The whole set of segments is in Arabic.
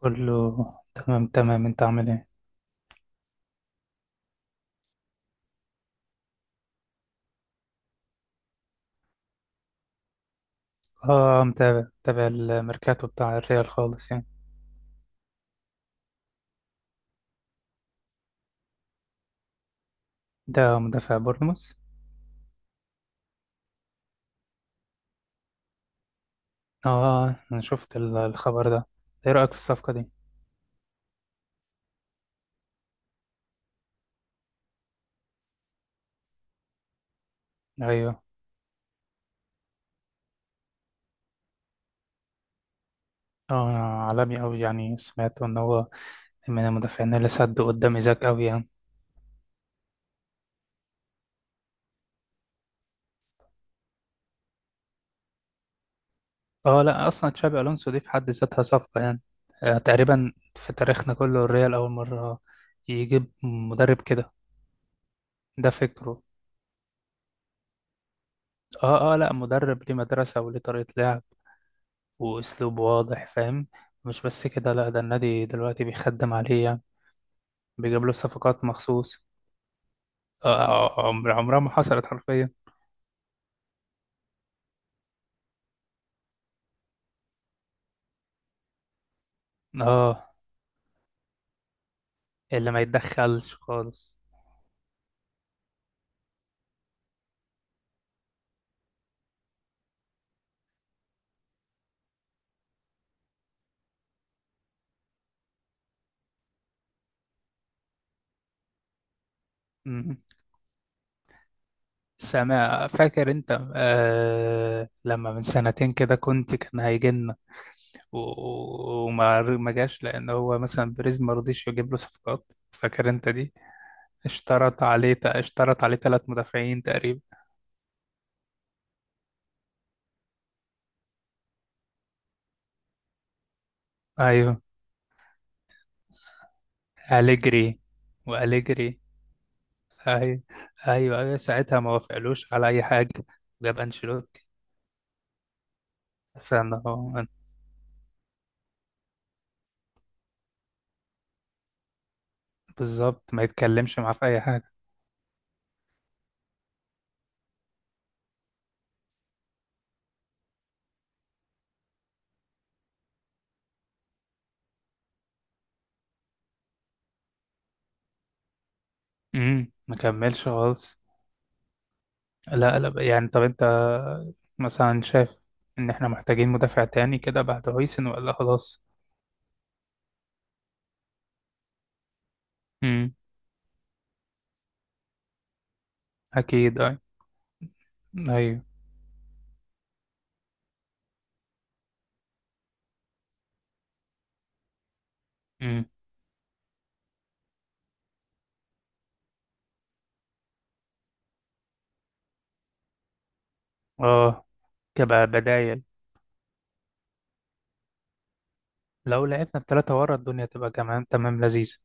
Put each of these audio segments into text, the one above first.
كله تمام تمام انت عامل ايه؟ اه، متابع متابع الميركاتو بتاع الريال خالص يعني. ده مدافع بورنموث. اه، انا شفت الخبر ده. ايه رأيك في الصفقة دي؟ ايوه. اه، عالمي اوي يعني سمعت ان هو من المدافعين اللي سدوا قدام ايزاك اوي يعني. اه، لا، اصلا تشابي الونسو دي في حد ذاتها صفقة يعني. آه تقريبا في تاريخنا كله الريال اول مرة يجيب مدرب كده. ده فكره. اه، اه، لا، مدرب ليه مدرسة وليه طريقة لعب وأسلوب واضح فاهم. مش بس كده، لا، ده النادي دلوقتي بيخدم عليه يعني. بيجيب له صفقات مخصوص. عمر عمرها ما حصلت حرفيا. اه، اللي ما يتدخلش خالص. مم. سامع فاكر انت لما من سنتين كده كان هيجي لنا. وما ما جاش لان هو مثلا بريز ما رضيش يجيب له صفقات، فاكر انت دي؟ اشترط عليه ثلاث مدافعين تقريبا. ايوه. أليجري وأليجري. أي... ايوه، ايوه، ساعتها ما وافقلوش على اي حاجه. جاب انشيلوتي. فانه. بالظبط ما يتكلمش معاه في اي حاجه. ما كملش خالص. لا، لا، يعني طب انت مثلا شايف ان احنا محتاجين مدافع تاني كده بعد هويسن ولا خلاص؟ امم، اكيد، اي، ايوه، امم، اه، كبدايل. لو لعبنا التلاتة ورا الدنيا تبقى كمان تمام لذيذة.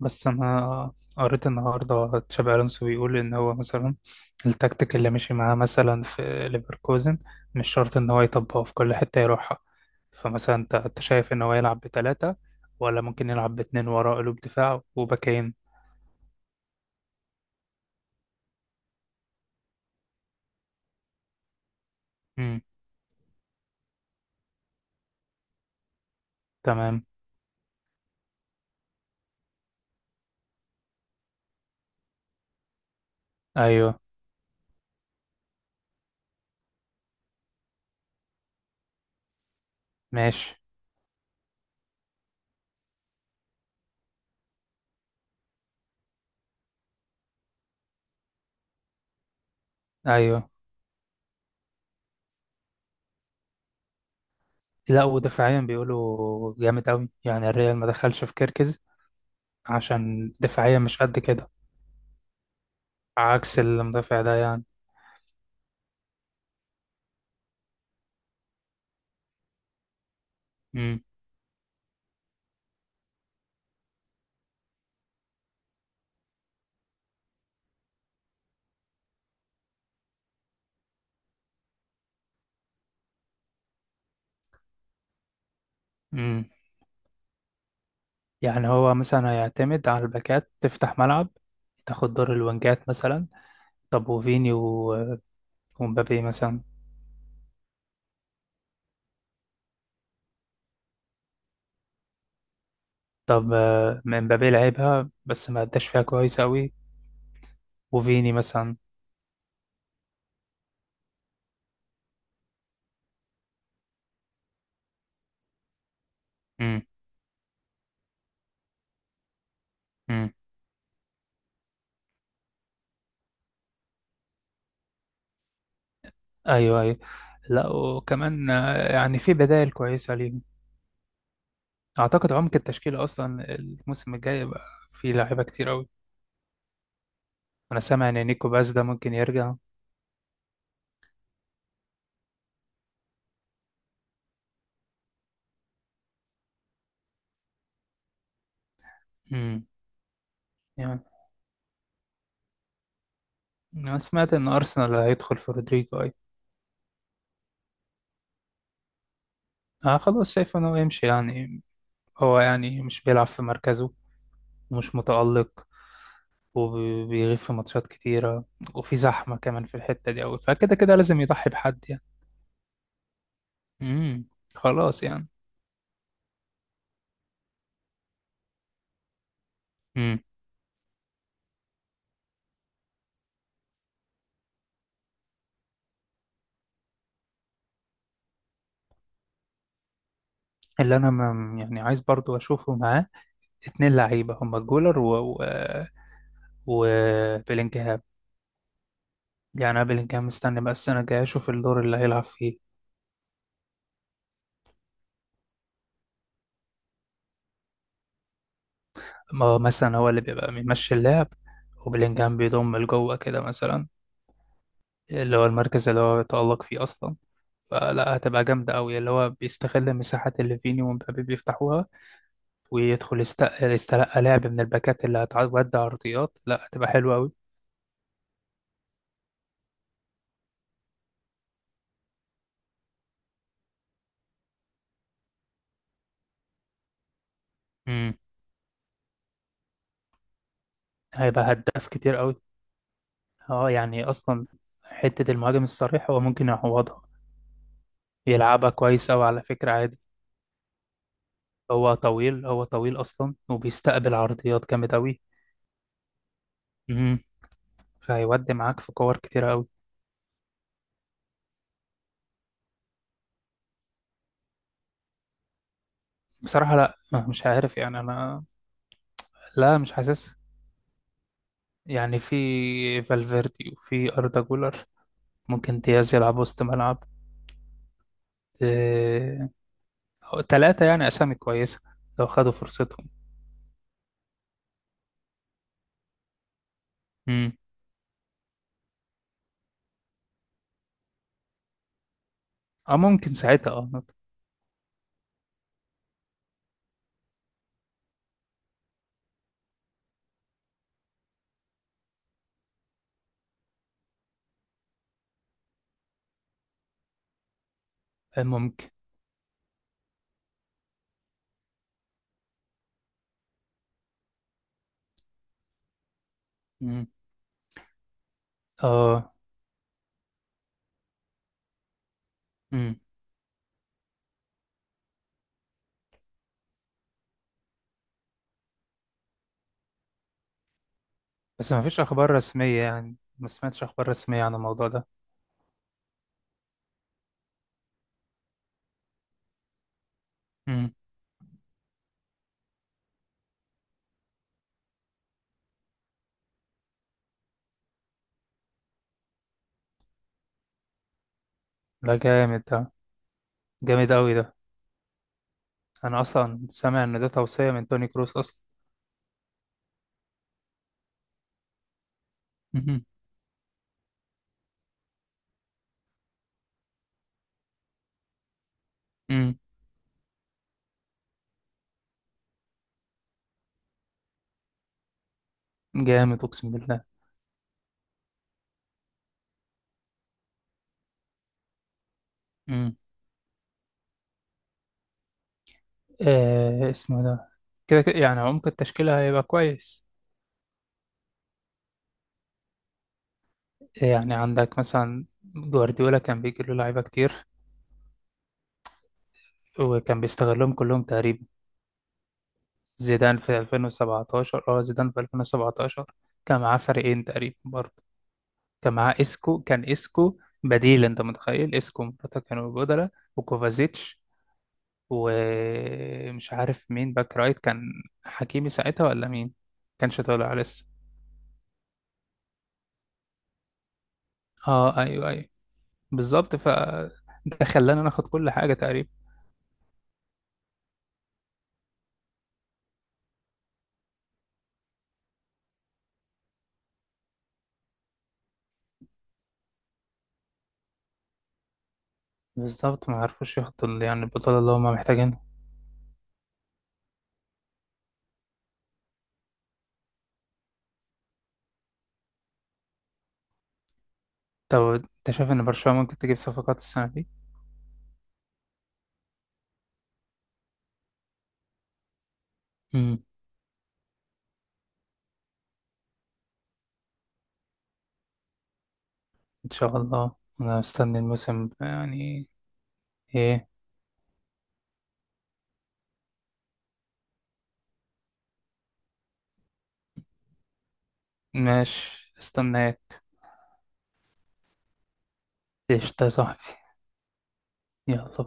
بس انا قريت النهارده تشابي الونسو بيقول ان هو مثلا التكتيك اللي مشي معاه مثلا في ليفركوزن مش شرط ان هو يطبقه في كل حته يروحها. فمثلا أنت شايف ان هو يلعب بثلاثه ولا ممكن يلعب باتنين وراه قلوب دفاع وباكين؟ امم، تمام، ايوه، ماشي، ايوه. لا، ودفاعيا بيقولوا جامد قوي يعني الريال ما دخلش في كيركز عشان دفاعيا مش قد كده، عكس المدافع ده يعني. امم يعني هو مثلا هيعتمد على الباكات تفتح ملعب، تاخد دور الوينجات مثلا. طب وفيني ومبابي مثلا؟ طب، مبابي لعبها بس ما اداش فيها كويس قوي. وفيني مثلا. امم، امم، ايوه، ايوه. لا، وكمان يعني في بدائل كويسه ليهم. اعتقد عمق التشكيله اصلا الموسم الجاي يبقى في لعيبه كتير قوي. انا سامع ان نيكو باس ده ممكن يرجع. امم يعني انا سمعت ان ارسنال هيدخل في رودريجو اي. آه، خلاص شايف انه يمشي يعني. هو يعني مش بيلعب في مركزه، ومش متألق، وبيغيب في ماتشات كتيرة، وفي زحمة كمان في الحتة دي أوي، فكده كده لازم يضحي بحد يعني. امم، خلاص يعني. امم، اللي أنا ما يعني عايز برضو أشوفه معاه اتنين لعيبة، هما جولر و و وبيلينجهام. يعني أنا بيلينجهام مستني بقى السنة الجاية أشوف الدور اللي هيلعب فيه. ما مثلا هو اللي بيبقى بيمشي اللعب، وبيلينجهام بيضم لجوه كده مثلا، اللي هو المركز اللي هو يتألق فيه أصلا. فلا، هتبقى جامدة أوي، اللي هو بيستغل مساحات اللي فيني ومبابي بيفتحوها ويدخل يستلقى لعب من الباكات اللي هتعدي عرضيات، لا هتبقى حلوة أوي. امم هيبقى هداف كتير أوي. اه، يعني أصلا حتة المهاجم الصريح هو ممكن يعوضها، يلعبها كويس أوي على فكرة عادي. هو طويل، هو طويل أصلا وبيستقبل عرضيات جامد أوي. امم فهيودي معاك في كور كتير أوي. بصراحة لا. مش عارف يعني أنا. لا، مش حاسس. يعني في فالفيردي وفي أردا جولر، ممكن دياز يلعب وسط ملعب. آه، تلاتة يعني أسامي كويسة لو خدوا فرصتهم. مم. اه، ممكن ساعتها. آه، ممكن. مم. اه، مم. بس ما فيش أخبار رسمية، يعني ما سمعتش أخبار رسمية عن الموضوع ده. مم. ده جامد، ده جامد أوي ده. أنا أصلا سامع إن ده توصية من توني كروس أصلا. مم. مم. جامد أقسم بالله. مم. آه، اسمه ده. كده كده يعني عمق التشكيلة هيبقى كويس. يعني عندك مثلا جوارديولا كان بيجي له لعيبة كتير وكان بيستغلهم كلهم تقريبا. زيدان في 2017، زيدان في 2017 كان معاه فريقين تقريبا برضه. كان معاه اسكو، كان اسكو بديل، انت متخيل؟ اسكو ومراته كانوا بدلة، وكوفازيتش، ومش عارف مين باك رايت كان، حكيمي ساعتها ولا مين؟ كانش طالع لسه. اه، ايوه، ايوه. بالظبط، ف ده خلانا ناخد كل حاجة تقريبا. بالظبط، ما عرفوش ياخدوا يعني البطولة اللي هما محتاجين. طب انت شايف ان برشلونة ممكن تجيب صفقات السنة دي؟ امم ان شاء الله انا مستني الموسم يعني. ايه. ماشي، استناك. ايش ده يا صاحبي؟ يلا.